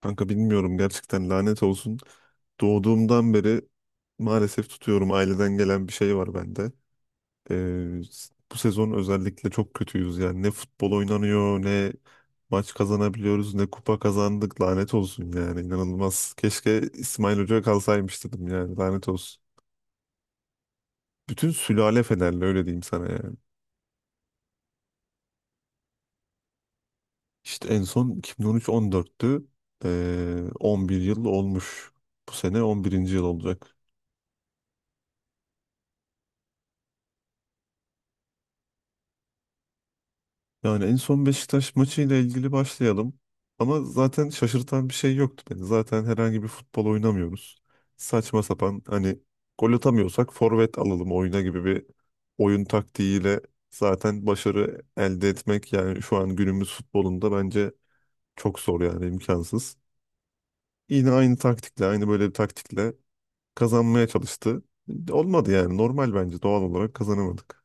Kanka bilmiyorum gerçekten lanet olsun. Doğduğumdan beri maalesef tutuyorum. Aileden gelen bir şey var bende. Bu sezon özellikle çok kötüyüz yani. Ne futbol oynanıyor, ne maç kazanabiliyoruz, ne kupa kazandık. Lanet olsun yani inanılmaz. Keşke İsmail Hoca kalsaymış dedim yani lanet olsun. Bütün sülale Fenerli öyle diyeyim sana yani. İşte en son 2013-14'tü. 11 yıl olmuş. Bu sene 11. yıl olacak. Yani en son Beşiktaş maçıyla ilgili başlayalım. Ama zaten şaşırtan bir şey yoktu beni. Zaten herhangi bir futbol oynamıyoruz. Saçma sapan hani gol atamıyorsak forvet alalım oyuna gibi bir oyun taktiğiyle zaten başarı elde etmek yani şu an günümüz futbolunda bence çok zor yani imkansız. Yine aynı taktikle aynı böyle bir taktikle kazanmaya çalıştı. Olmadı yani normal bence doğal olarak kazanamadık.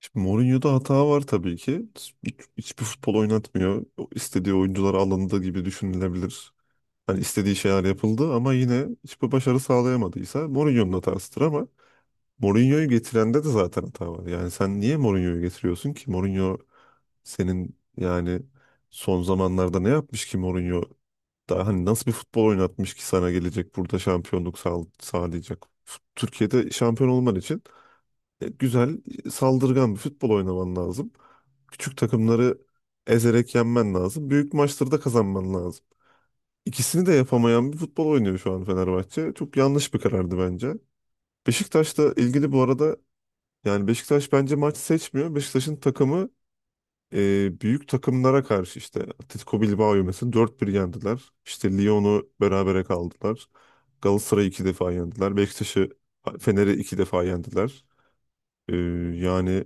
Şimdi Mourinho'da hata var tabii ki. Hiçbir futbol oynatmıyor. O İstediği oyuncular alındı gibi düşünülebilir. Hani istediği şeyler yapıldı ama yine hiçbir başarı sağlayamadıysa Mourinho'nun hatasıdır ama Mourinho'yu getirende de zaten hata var. Yani sen niye Mourinho'yu getiriyorsun ki? Mourinho senin yani son zamanlarda ne yapmış ki Mourinho? Daha hani nasıl bir futbol oynatmış ki sana gelecek burada şampiyonluk sağlayacak? Türkiye'de şampiyon olman için güzel, saldırgan bir futbol oynaman lazım. Küçük takımları ezerek yenmen lazım. Büyük maçları da kazanman lazım. İkisini de yapamayan bir futbol oynuyor şu an Fenerbahçe. Çok yanlış bir karardı bence. Beşiktaş'la ilgili bu arada yani Beşiktaş bence maç seçmiyor. Beşiktaş'ın takımı büyük takımlara karşı işte Atletico Bilbao'yu mesela 4-1 yendiler. İşte Lyon'u berabere kaldılar. Galatasaray'ı iki defa yendiler. Beşiktaş'ı Fener'i iki defa yendiler. E, yani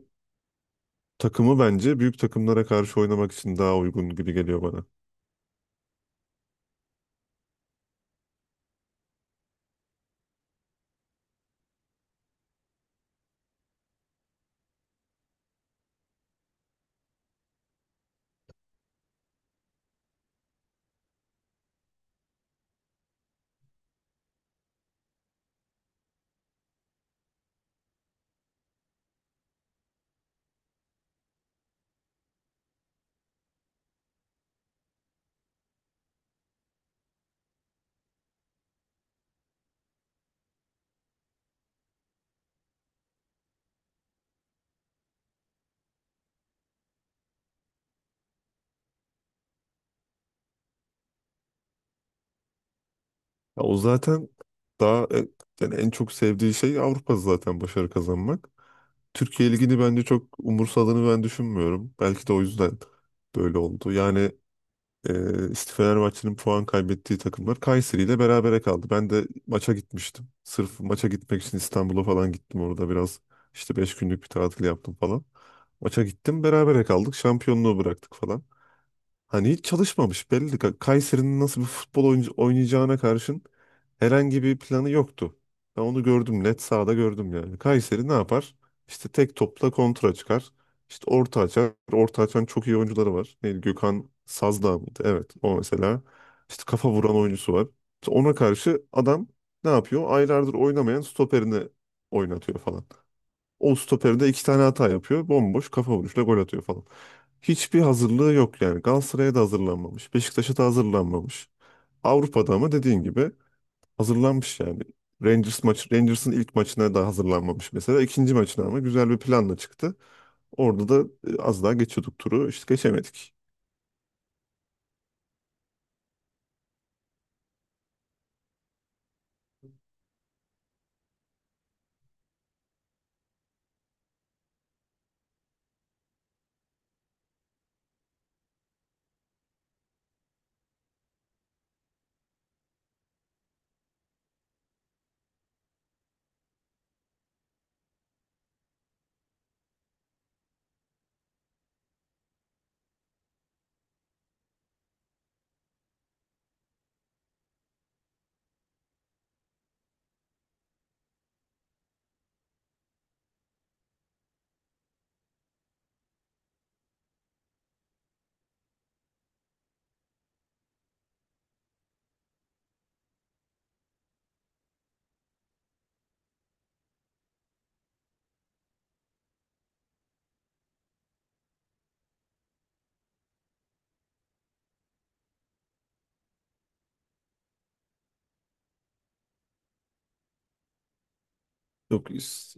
takımı bence büyük takımlara karşı oynamak için daha uygun gibi geliyor bana. Ya o zaten daha yani en çok sevdiği şey Avrupa zaten başarı kazanmak. Türkiye Ligi'ni bence çok umursadığını ben düşünmüyorum. Belki de o yüzden böyle oldu. Yani işte Fenerbahçe'nin puan kaybettiği takımlar Kayseri ile berabere kaldı. Ben de maça gitmiştim. Sırf maça gitmek için İstanbul'a falan gittim orada biraz. İşte 5 günlük bir tatil yaptım falan. Maça gittim berabere kaldık. Şampiyonluğu bıraktık falan. Hani hiç çalışmamış belli. Kayseri'nin nasıl bir futbol oynayacağına karşın herhangi bir planı yoktu. Ben onu gördüm net sahada gördüm yani. Kayseri ne yapar? İşte tek topla kontra çıkar. İşte orta açar. Orta açan çok iyi oyuncuları var. Neydi? Gökhan Sazdağ mıydı? Evet o mesela. İşte kafa vuran oyuncusu var. İşte ona karşı adam ne yapıyor? Aylardır oynamayan stoperini oynatıyor falan. O stoperde iki tane hata yapıyor. Bomboş kafa vuruşla gol atıyor falan. Hiçbir hazırlığı yok yani. Galatasaray'a da hazırlanmamış. Beşiktaş'a da hazırlanmamış. Avrupa'da ama dediğin gibi hazırlanmış yani. Rangers maçı, Rangers'ın ilk maçına da hazırlanmamış mesela. İkinci maçına ama güzel bir planla çıktı. Orada da az daha geçiyorduk turu. İşte geçemedik. Yok,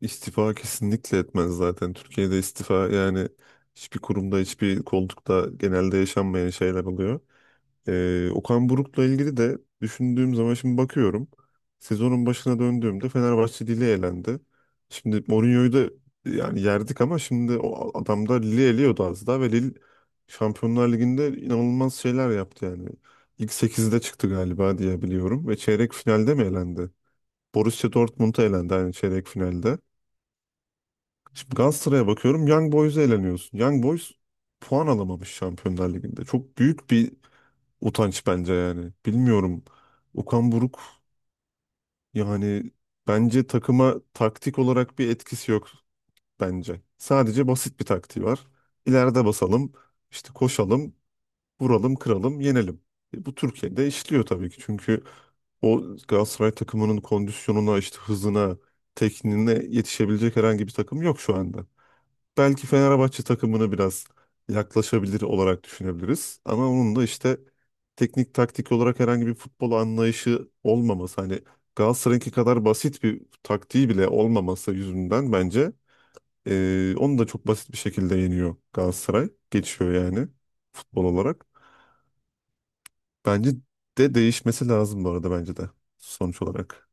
istifa kesinlikle etmez zaten. Türkiye'de istifa yani hiçbir kurumda, hiçbir koltukta genelde yaşanmayan şeyler oluyor. Okan Buruk'la ilgili de düşündüğüm zaman şimdi bakıyorum. Sezonun başına döndüğümde Fenerbahçe Lille elendi. Şimdi Mourinho'yu da yani yerdik ama şimdi o adam da Lille eliyordu az daha ve Lille Şampiyonlar Ligi'nde inanılmaz şeyler yaptı yani. İlk sekizde çıktı galiba diye biliyorum ve çeyrek finalde mi elendi? Borussia Dortmund'a elendi aynı çeyrek finalde. Şimdi Galatasaray'a bakıyorum Young Boys'a eleniyorsun. Young Boys puan alamamış Şampiyonlar Ligi'nde. Çok büyük bir utanç bence yani. Bilmiyorum. Okan Buruk yani bence takıma taktik olarak bir etkisi yok bence. Sadece basit bir taktiği var. İleride basalım, işte koşalım, vuralım, kıralım, yenelim. E, bu Türkiye'de işliyor tabii ki. Çünkü o Galatasaray takımının kondisyonuna, işte hızına, tekniğine yetişebilecek herhangi bir takım yok şu anda belki Fenerbahçe takımını biraz yaklaşabilir olarak düşünebiliriz. Ama onun da işte teknik taktik olarak herhangi bir futbol anlayışı olmaması hani Galatasaray'ınki kadar basit bir taktiği bile olmaması yüzünden bence onu da çok basit bir şekilde yeniyor Galatasaray. Geçiyor yani futbol olarak. Bence de değişmesi lazım bu arada bence de sonuç olarak.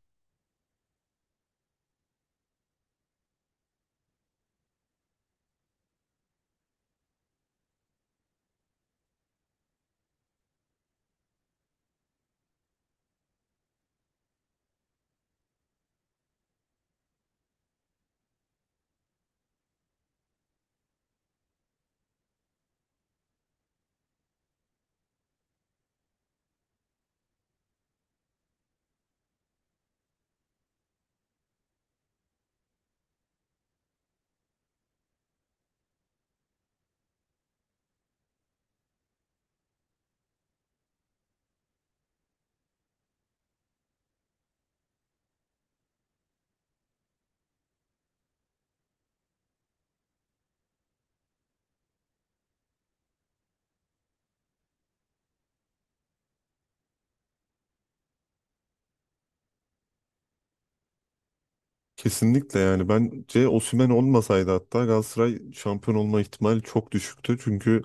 Kesinlikle yani bence Osimhen olmasaydı hatta Galatasaray şampiyon olma ihtimali çok düşüktü. Çünkü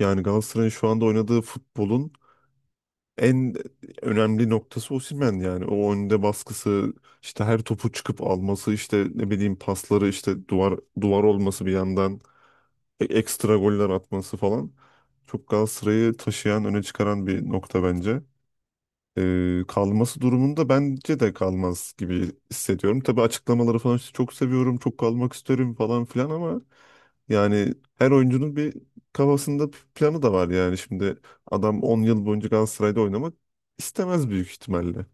yani Galatasaray'ın şu anda oynadığı futbolun en önemli noktası Osimhen yani. O önde baskısı, işte her topu çıkıp alması, işte ne bileyim pasları, işte duvar duvar olması bir yandan, ekstra goller atması falan. Çok Galatasaray'ı taşıyan, öne çıkaran bir nokta bence. Kalması durumunda bence de kalmaz gibi hissediyorum. Tabii açıklamaları falan işte çok seviyorum, çok kalmak isterim falan filan ama yani her oyuncunun bir kafasında bir planı da var yani. Şimdi adam 10 yıl boyunca Galatasaray'da oynamak istemez büyük ihtimalle.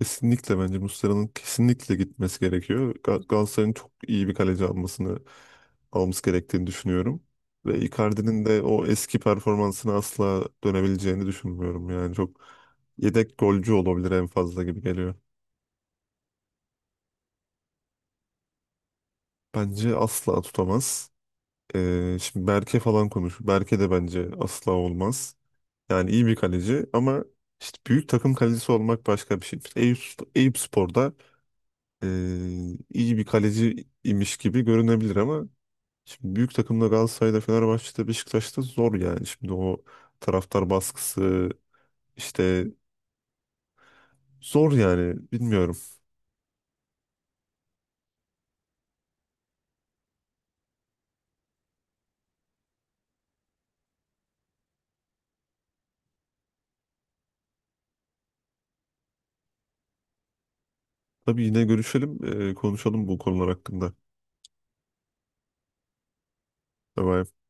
Kesinlikle bence Muslera'nın kesinlikle gitmesi gerekiyor. Galatasaray'ın çok iyi bir kaleci almasını olması gerektiğini düşünüyorum. Ve Icardi'nin de o eski performansına asla dönebileceğini düşünmüyorum. Yani çok yedek golcü olabilir en fazla gibi geliyor. Bence asla tutamaz. Şimdi Berke falan konuş. Berke de bence asla olmaz. Yani iyi bir kaleci ama işte büyük takım kalecisi olmak başka bir şey. İşte Eyüp, Eyüp Spor'da ee, iyi bir kaleci imiş gibi görünebilir ama şimdi büyük takımda Galatasaray'da, Fenerbahçe'de, Beşiktaş'ta zor yani. Şimdi o taraftar baskısı işte zor yani bilmiyorum. Tabii yine görüşelim, konuşalım bu konular hakkında. Tabii